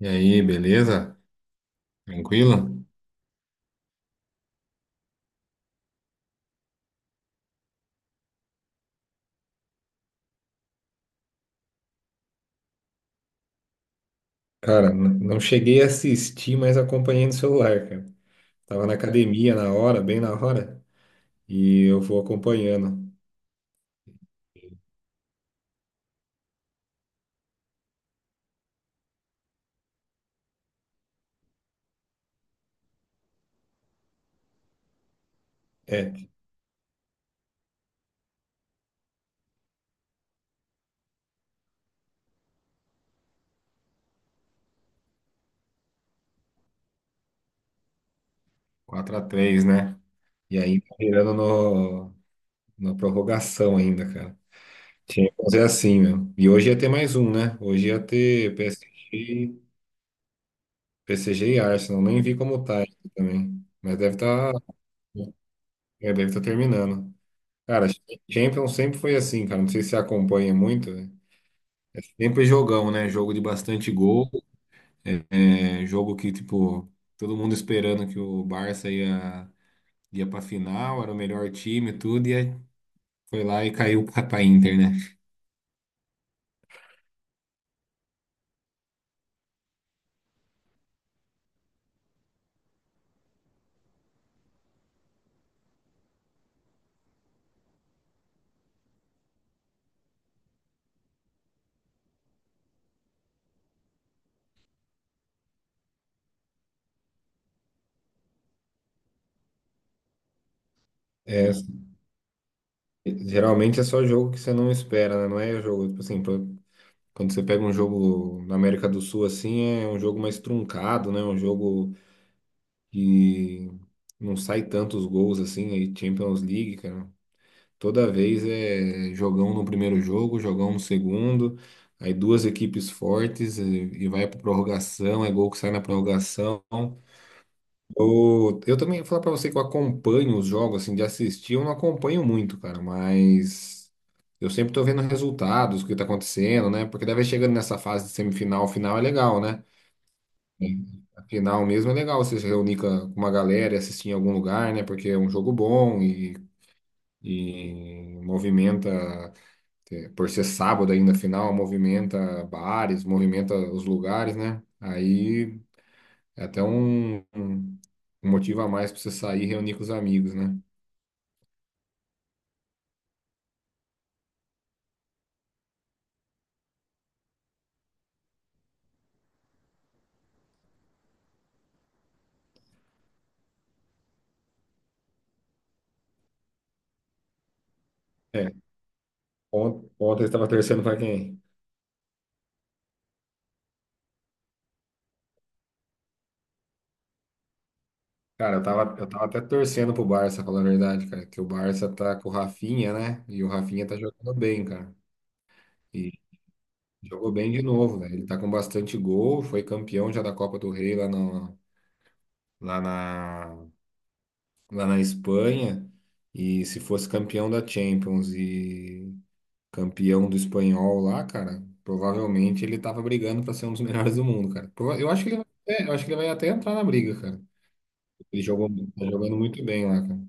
E aí, beleza? Tranquilo? Cara, não cheguei a assistir, mas acompanhei no celular, cara. Tava na academia na hora, bem na hora, e eu vou acompanhando. É, quatro a três, né? E aí tá virando no, na prorrogação ainda, cara. Tinha que fazer assim, meu. E hoje ia ter mais um, né? Hoje ia ter PSG, PSG e Arsenal. Nem vi como tá ainda também. Mas deve estar terminando. Cara, Champions sempre foi assim, cara. Não sei se você acompanha muito, né? É sempre jogão, né? Jogo de bastante gol. É, é, jogo que, tipo, todo mundo esperando que o Barça ia, ia pra final, era o melhor time, e tudo, e aí foi lá e caiu pra Inter, né? É, geralmente é só jogo que você não espera, né? Não é jogo, tipo assim, quando você pega um jogo na América do Sul, assim, é um jogo mais truncado, né? Um jogo que não sai tantos gols, assim, aí Champions League, cara. Toda vez é jogão no primeiro jogo, jogão no segundo, aí duas equipes fortes e vai para prorrogação, é gol que sai na prorrogação. Eu também vou falar para você que eu acompanho os jogos, assim, de assistir, eu não acompanho muito, cara, mas eu sempre tô vendo resultados, o que tá acontecendo, né? Porque daí vai chegando nessa fase de semifinal, final é legal, né? A final mesmo é legal você se reunir com uma galera e assistir em algum lugar, né? Porque é um jogo bom e movimenta. É, por ser sábado ainda, final, movimenta bares, movimenta os lugares, né? Aí é até um um motivo a mais para você sair e reunir com os amigos, né? É, ontem eu estava torcendo para quem? Cara, eu tava até torcendo pro Barça, falando a verdade, cara, que o Barça tá com o Rafinha, né? E o Rafinha tá jogando bem, cara. E jogou bem de novo, né? Ele tá com bastante gol, foi campeão já da Copa do Rei lá, no, lá na lá na Espanha, e se fosse campeão da Champions e campeão do espanhol lá, cara, provavelmente ele tava brigando pra ser um dos melhores do mundo, cara. Eu acho que ele vai, é, eu acho que ele vai até entrar na briga, cara. Ele jogou, tá jogando muito bem lá, cara.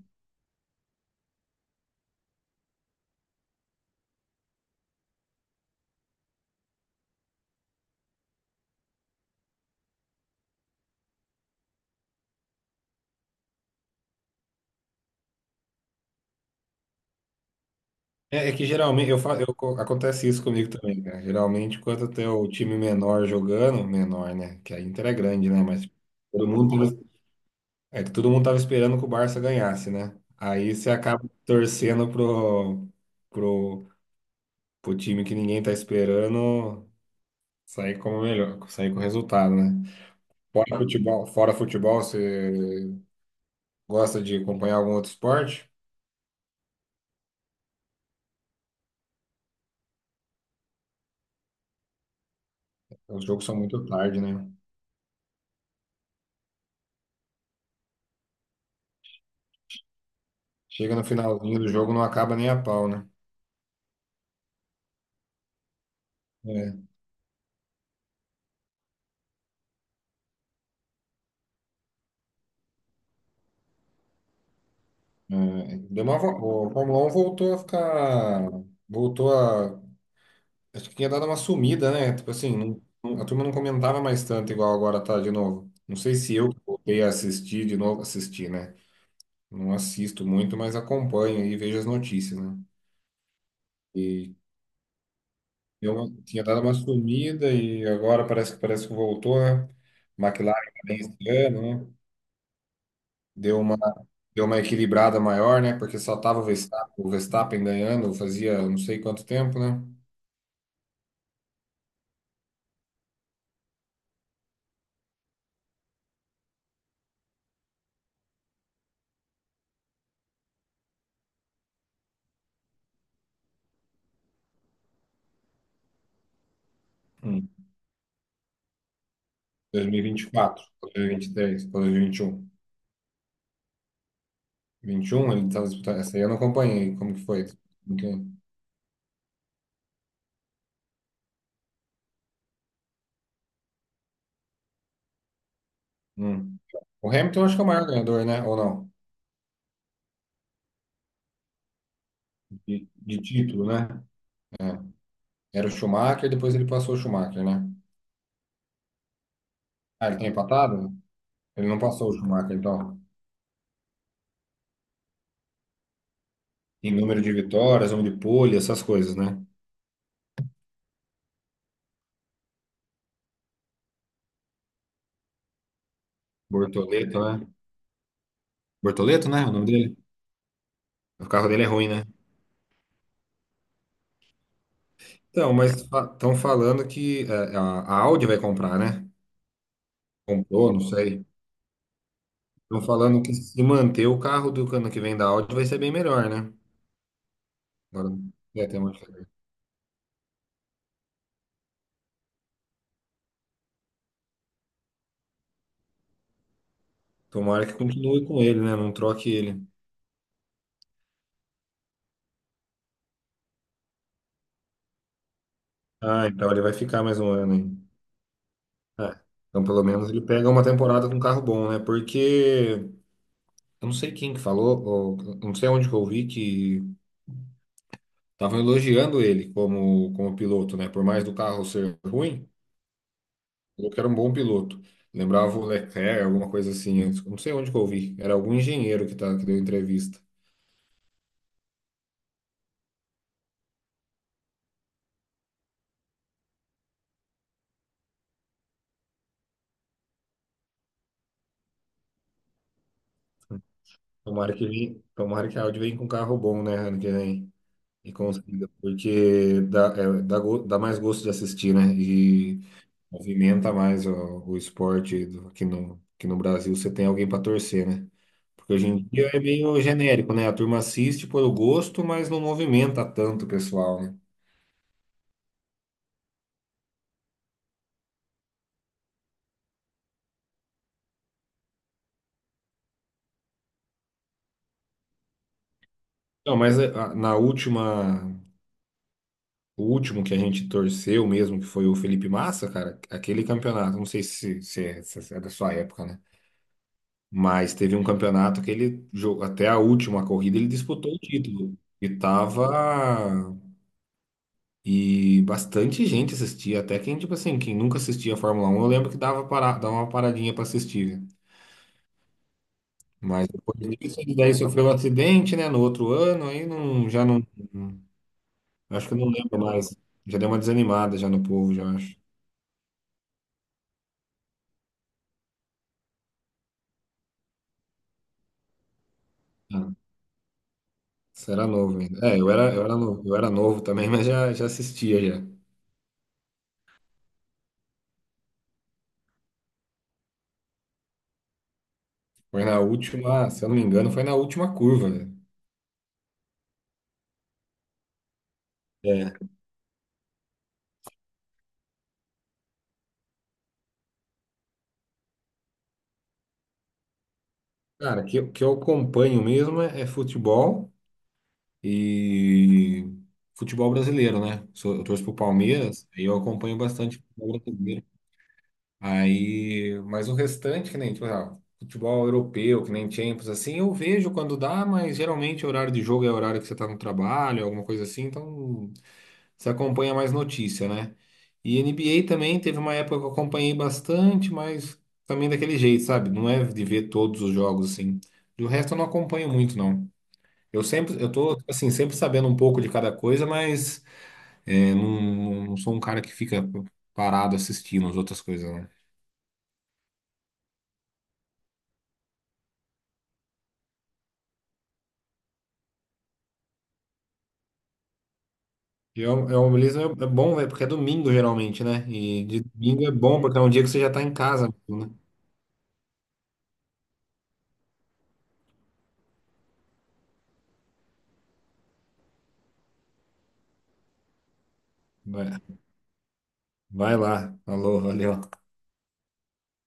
É, é que geralmente eu acontece isso comigo também, cara. Geralmente quando tem o time menor jogando, menor, né? Que a Inter é grande, né? Mas todo mundo tava, é que todo mundo tava esperando que o Barça ganhasse, né? Aí você acaba torcendo pro pro time que ninguém tá esperando sair como melhor, sair com resultado, né? Fora futebol, você gosta de acompanhar algum outro esporte? Os jogos são muito tarde, né? Chega no finalzinho do jogo, não acaba nem a pau, né? É. Deu uma, o Fórmula 1 voltou a ficar. Voltou a. Acho que tinha dado uma sumida, né? Tipo assim, a turma não comentava mais tanto igual agora tá de novo. Não sei se eu que voltei a assistir de novo, assistir, né? Não assisto muito, mas acompanho e vejo as notícias, né? E deu uma, tinha dado uma sumida e agora parece que voltou, né? McLaren também esse ano, né? Deu uma, deu uma equilibrada maior, né? Porque só tava o Verstappen ganhando fazia não sei quanto tempo, né? Hum. 2024, 2023, 2021. 21, ele estava disputando. Essa aí eu não acompanhei. Como que foi? Como que- Hum. O Hamilton acho que é o maior ganhador, né? Ou não? De título, né? É. Era o Schumacher, depois ele passou o Schumacher, né? Ah, ele tá empatado? Ele não passou o Schumacher, então. Em número de vitórias, número de pole, essas coisas, né? Bortoleto, né? Bortoleto, né? O nome dele? O carro dele é ruim, né? Então, mas estão falando que é, a Audi vai comprar, né? Comprou, não sei. Estão falando que se manter o carro do ano que vem da Audi vai ser bem melhor, né? Agora, é, tem uma... Tomara que continue com ele, né? Não troque ele. Ah, então ele vai ficar mais um ano aí. É. Então, pelo menos ele pega uma temporada com um carro bom, né? Porque eu não sei quem que falou, ou, eu não sei onde que eu ouvi que estavam elogiando ele como, como piloto, né? Por mais do carro ser ruim, falou que era um bom piloto. Lembrava o Leclerc, alguma coisa assim. Eu não sei onde que eu ouvi. Era algum engenheiro que, tá, que deu entrevista. Tomara que a Audi venha com um carro bom, né, ano que vem. E consiga, porque dá, é, dá, dá mais gosto de assistir, né? E movimenta mais o esporte aqui no Brasil, você tem alguém para torcer, né? Porque hoje em dia é meio genérico, né? A turma assiste por gosto, mas não movimenta tanto o pessoal, né? Não, mas na última, o último que a gente torceu mesmo, que foi o Felipe Massa, cara, aquele campeonato, não sei se é da sua época, né? Mas teve um campeonato que ele, até a última corrida, ele disputou o título. E tava, e bastante gente assistia, até quem, tipo assim, quem nunca assistia a Fórmula Um, eu lembro que dava, para, dava uma paradinha para assistir. Mas depois disso, ele daí sofreu um acidente, né, no outro ano, aí não, já não, não- acho que eu não lembro mais. Já deu uma desanimada já no povo, já acho. Ah, você era novo ainda. É, eu era novo também, mas já, já assistia já. Foi na última, se eu não me engano, foi na última curva, velho. É. Cara, que, que eu acompanho mesmo é, é futebol. E futebol brasileiro, né? Eu torço pro Palmeiras, aí eu acompanho bastante futebol brasileiro. Aí, mas o restante, que nem, tipo, ah, futebol europeu, que nem Champions, assim, eu vejo quando dá, mas geralmente o horário de jogo é o horário que você tá no trabalho, alguma coisa assim, então você acompanha mais notícia, né? E NBA também teve uma época que eu acompanhei bastante, mas também daquele jeito, sabe? Não é de ver todos os jogos, assim. Do resto eu não acompanho muito, não. Eu sempre, eu tô, assim, sempre sabendo um pouco de cada coisa, mas é, não, não sou um cara que fica parado assistindo as outras coisas, não. E é, é um beleza, é bom, velho, porque é domingo geralmente, né? E de domingo é bom, porque é um dia que você já tá em casa, né? Vai, vai lá. Alô, valeu.